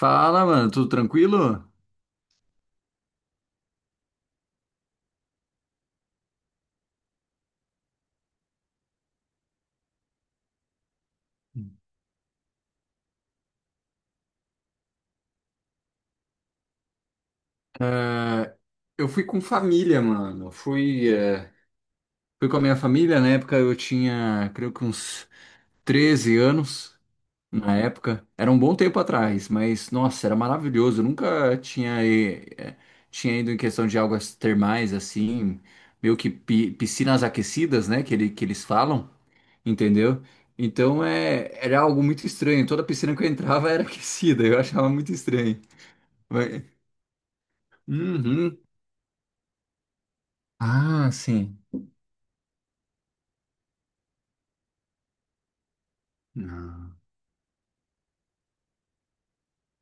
Fala, mano, tudo tranquilo? É, eu fui com família, mano. Fui com a minha família. Na época eu tinha, creio que uns 13 anos. Na época, era um bom tempo atrás, mas nossa, era maravilhoso. Eu nunca tinha, tinha ido em questão de águas termais assim, meio que piscinas aquecidas, né? Que eles falam, entendeu? Então era algo muito estranho. Toda piscina que eu entrava era aquecida, eu achava muito estranho. Uhum. Ah, sim. Ah,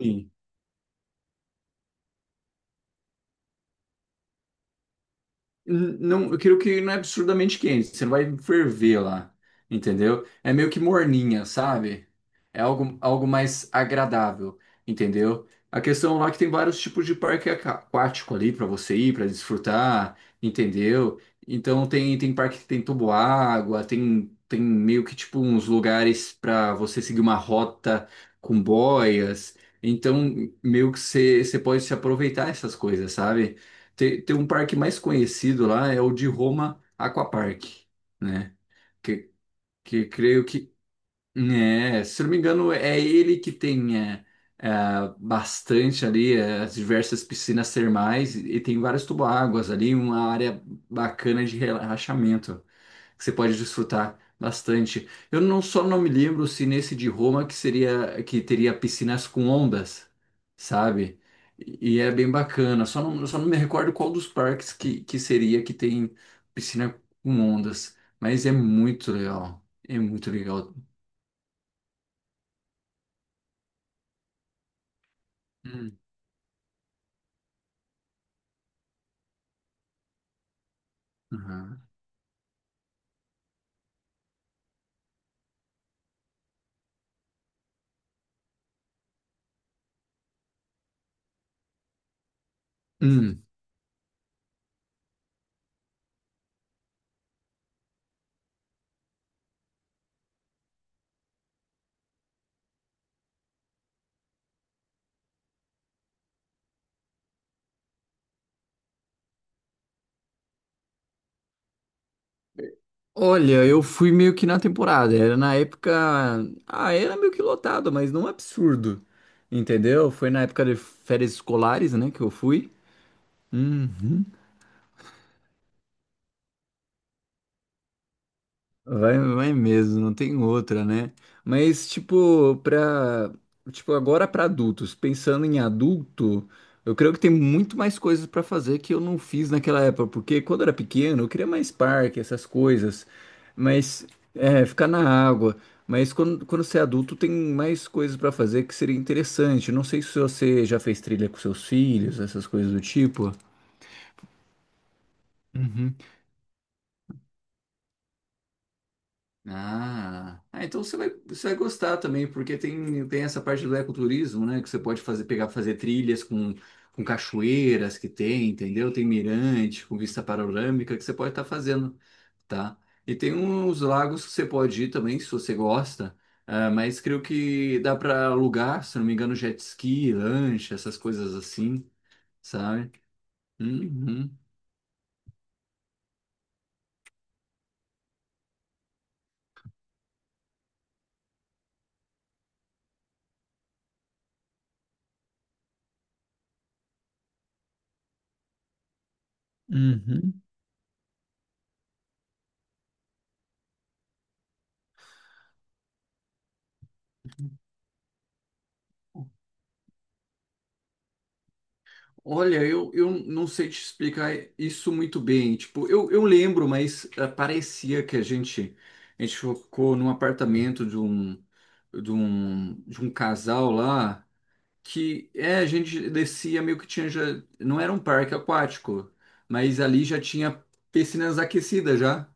sim. Não, eu quero que não é absurdamente quente, você não vai ferver lá, entendeu? É meio que morninha, sabe? É algo mais agradável, entendeu? A questão lá é que tem vários tipos de parque aquático ali para você ir, para desfrutar, entendeu? Então tem parque que tem toboágua, tem meio que tipo uns lugares para você seguir uma rota com boias. Então meio que você pode se aproveitar essas coisas, sabe? Tem um parque mais conhecido lá, é o de Roma Aquapark, né? Que, que creio que, né, se não me engano, é ele que tem é, bastante ali as diversas piscinas termais e tem várias tubo-águas ali, uma área bacana de relaxamento que você pode desfrutar bastante. Eu não só não me lembro se nesse de Roma que seria que teria piscinas com ondas, sabe? E é bem bacana. Só não me recordo qual dos parques que seria que tem piscina com ondas, mas é muito legal. É muito legal. Hum, aham. Hum, Olha, eu fui meio que na temporada. Era na época. Ah, era meio que lotado, mas não absurdo. Entendeu? Foi na época de férias escolares, né, que eu fui. Uhum. Vai, vai mesmo, não tem outra, né? Mas tipo, agora pra adultos, pensando em adulto, eu creio que tem muito mais coisas pra fazer que eu não fiz naquela época, porque quando eu era pequeno, eu queria mais parque, essas coisas, mas ficar na água. Mas quando você é adulto, tem mais coisas pra fazer que seria interessante. Não sei se você já fez trilha com seus filhos, essas coisas do tipo. Uhum. Ah, ah, então você vai gostar também, porque tem essa parte do ecoturismo, né? Que você pode fazer, pegar, fazer trilhas com cachoeiras que tem, entendeu? Tem mirante com vista panorâmica que você pode estar fazendo, tá? E tem uns lagos que você pode ir também, se você gosta, ah, mas creio que dá para alugar, se não me engano, jet ski, lancha, essas coisas assim, sabe? Uhum. Uhum. Olha, eu não sei te explicar isso muito bem. Tipo, eu lembro, mas ah, parecia que a gente ficou num apartamento de um casal lá, que a gente descia meio que tinha já, não era um parque aquático, mas ali já tinha piscinas aquecidas já.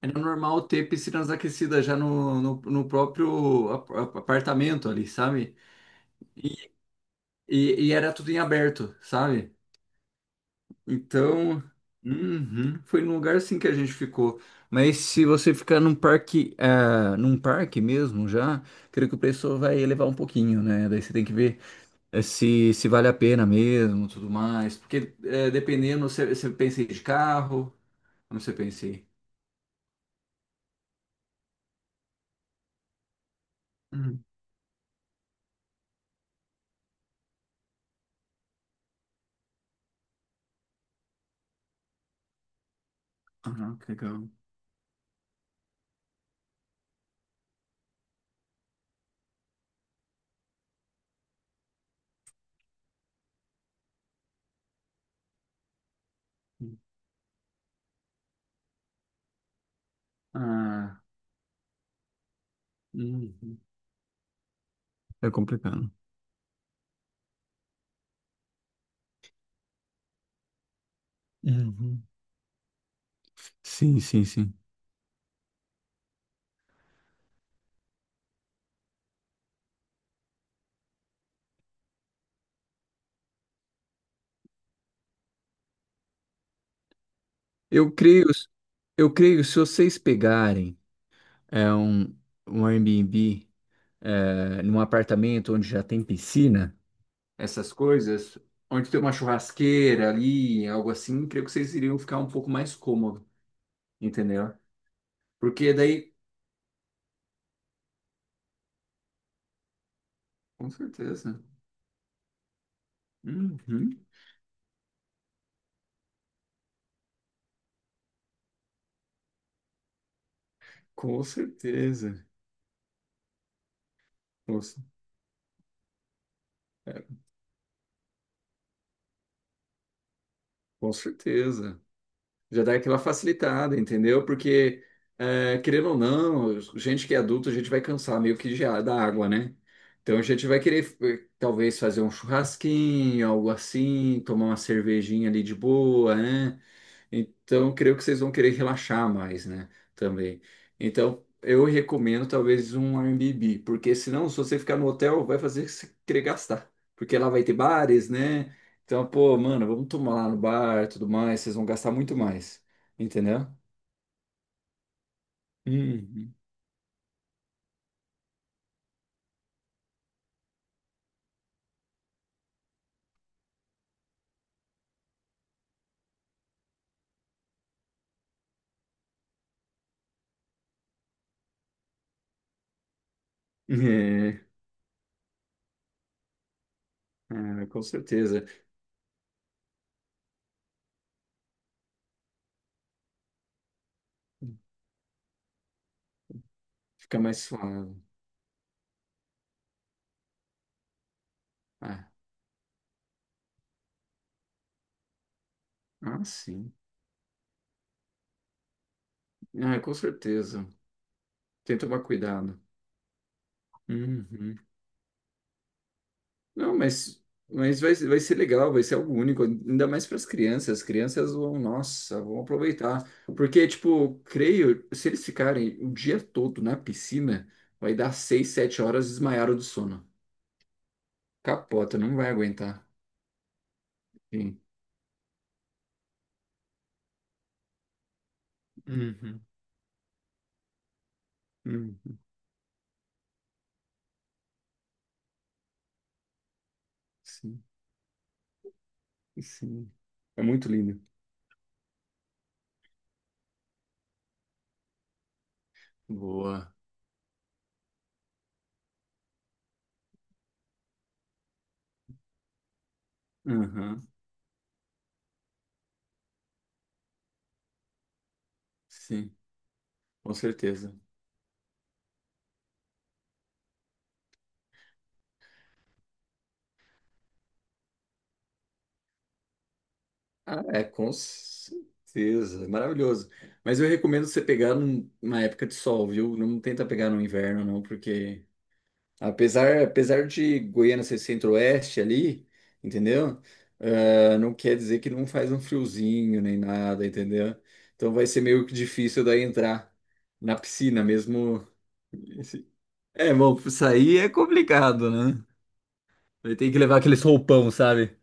Era normal ter piscinas aquecidas já no próprio apartamento ali, sabe? E, e era tudo em aberto, sabe? Então, uhum, foi num lugar assim que a gente ficou. Mas se você ficar num parque, ah, num parque mesmo já, creio que o preço vai elevar um pouquinho, né? Daí você tem que ver se vale a pena mesmo, tudo mais. Porque dependendo, você pensa em ir de carro, como você pensa em ir? Uhum. Ah, que legal. Ah, uhum. É complicado. Uhum. Sim, sim, sim. Eu creio, eu creio, se vocês pegarem é um, um Airbnb num apartamento onde já tem piscina, essas coisas, onde tem uma churrasqueira ali, algo assim, creio que vocês iriam ficar um pouco mais cômodo, entendeu? Porque daí, com certeza. Uhum, com certeza. Com, c- é, com certeza. Já dá aquela facilitada, entendeu? Porque, querendo ou não, gente que é adulto, a gente vai cansar meio que da água, né? Então a gente vai querer, talvez, fazer um churrasquinho, algo assim, tomar uma cervejinha ali de boa, né? Então, creio que vocês vão querer relaxar mais, né? Também. Então, eu recomendo talvez um Airbnb, porque senão, se você ficar no hotel, vai fazer você querer gastar. Porque lá vai ter bares, né? Então, pô, mano, vamos tomar lá no bar e tudo mais, vocês vão gastar muito mais. Entendeu? Uhum. É, ah, com certeza. Fica mais suave. Ah, ah, sim. Ah, com certeza. Tem que tomar cuidado. Uhum. Não, mas vai, vai ser legal, vai ser algo único, ainda mais para as crianças. As crianças vão, nossa, vão aproveitar. Porque, tipo, creio, se eles ficarem o dia todo na piscina, vai dar 6, 7 horas desmaiaram do sono. Capota, não vai aguentar. Sim. Uhum, uhum. Sim, sim. É muito lindo. Boa. Aham, sim, com certeza. Ah, é, com certeza. É maravilhoso. Mas eu recomendo você pegar numa época de sol, viu? Não tenta pegar no inverno, não, porque apesar de Goiânia ser centro-oeste ali, entendeu? Ah, não quer dizer que não faz um friozinho nem nada, entendeu? Então vai ser meio que difícil daí entrar na piscina mesmo. É, bom, sair é complicado, né? Vai ter que levar aqueles roupão, sabe?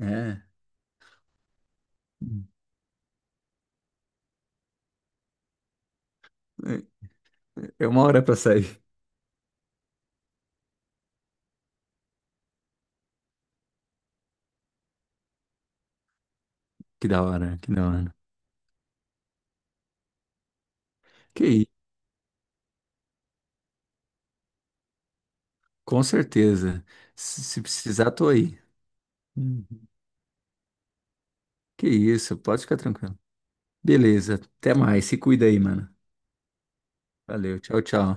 É. É é uma hora pra sair. Que da hora, que da hora. Que isso, com certeza. Se precisar, tô aí. Uhum. Que isso, pode ficar tranquilo. Beleza, até mais. Se cuida aí, mano. Valeu, tchau, tchau.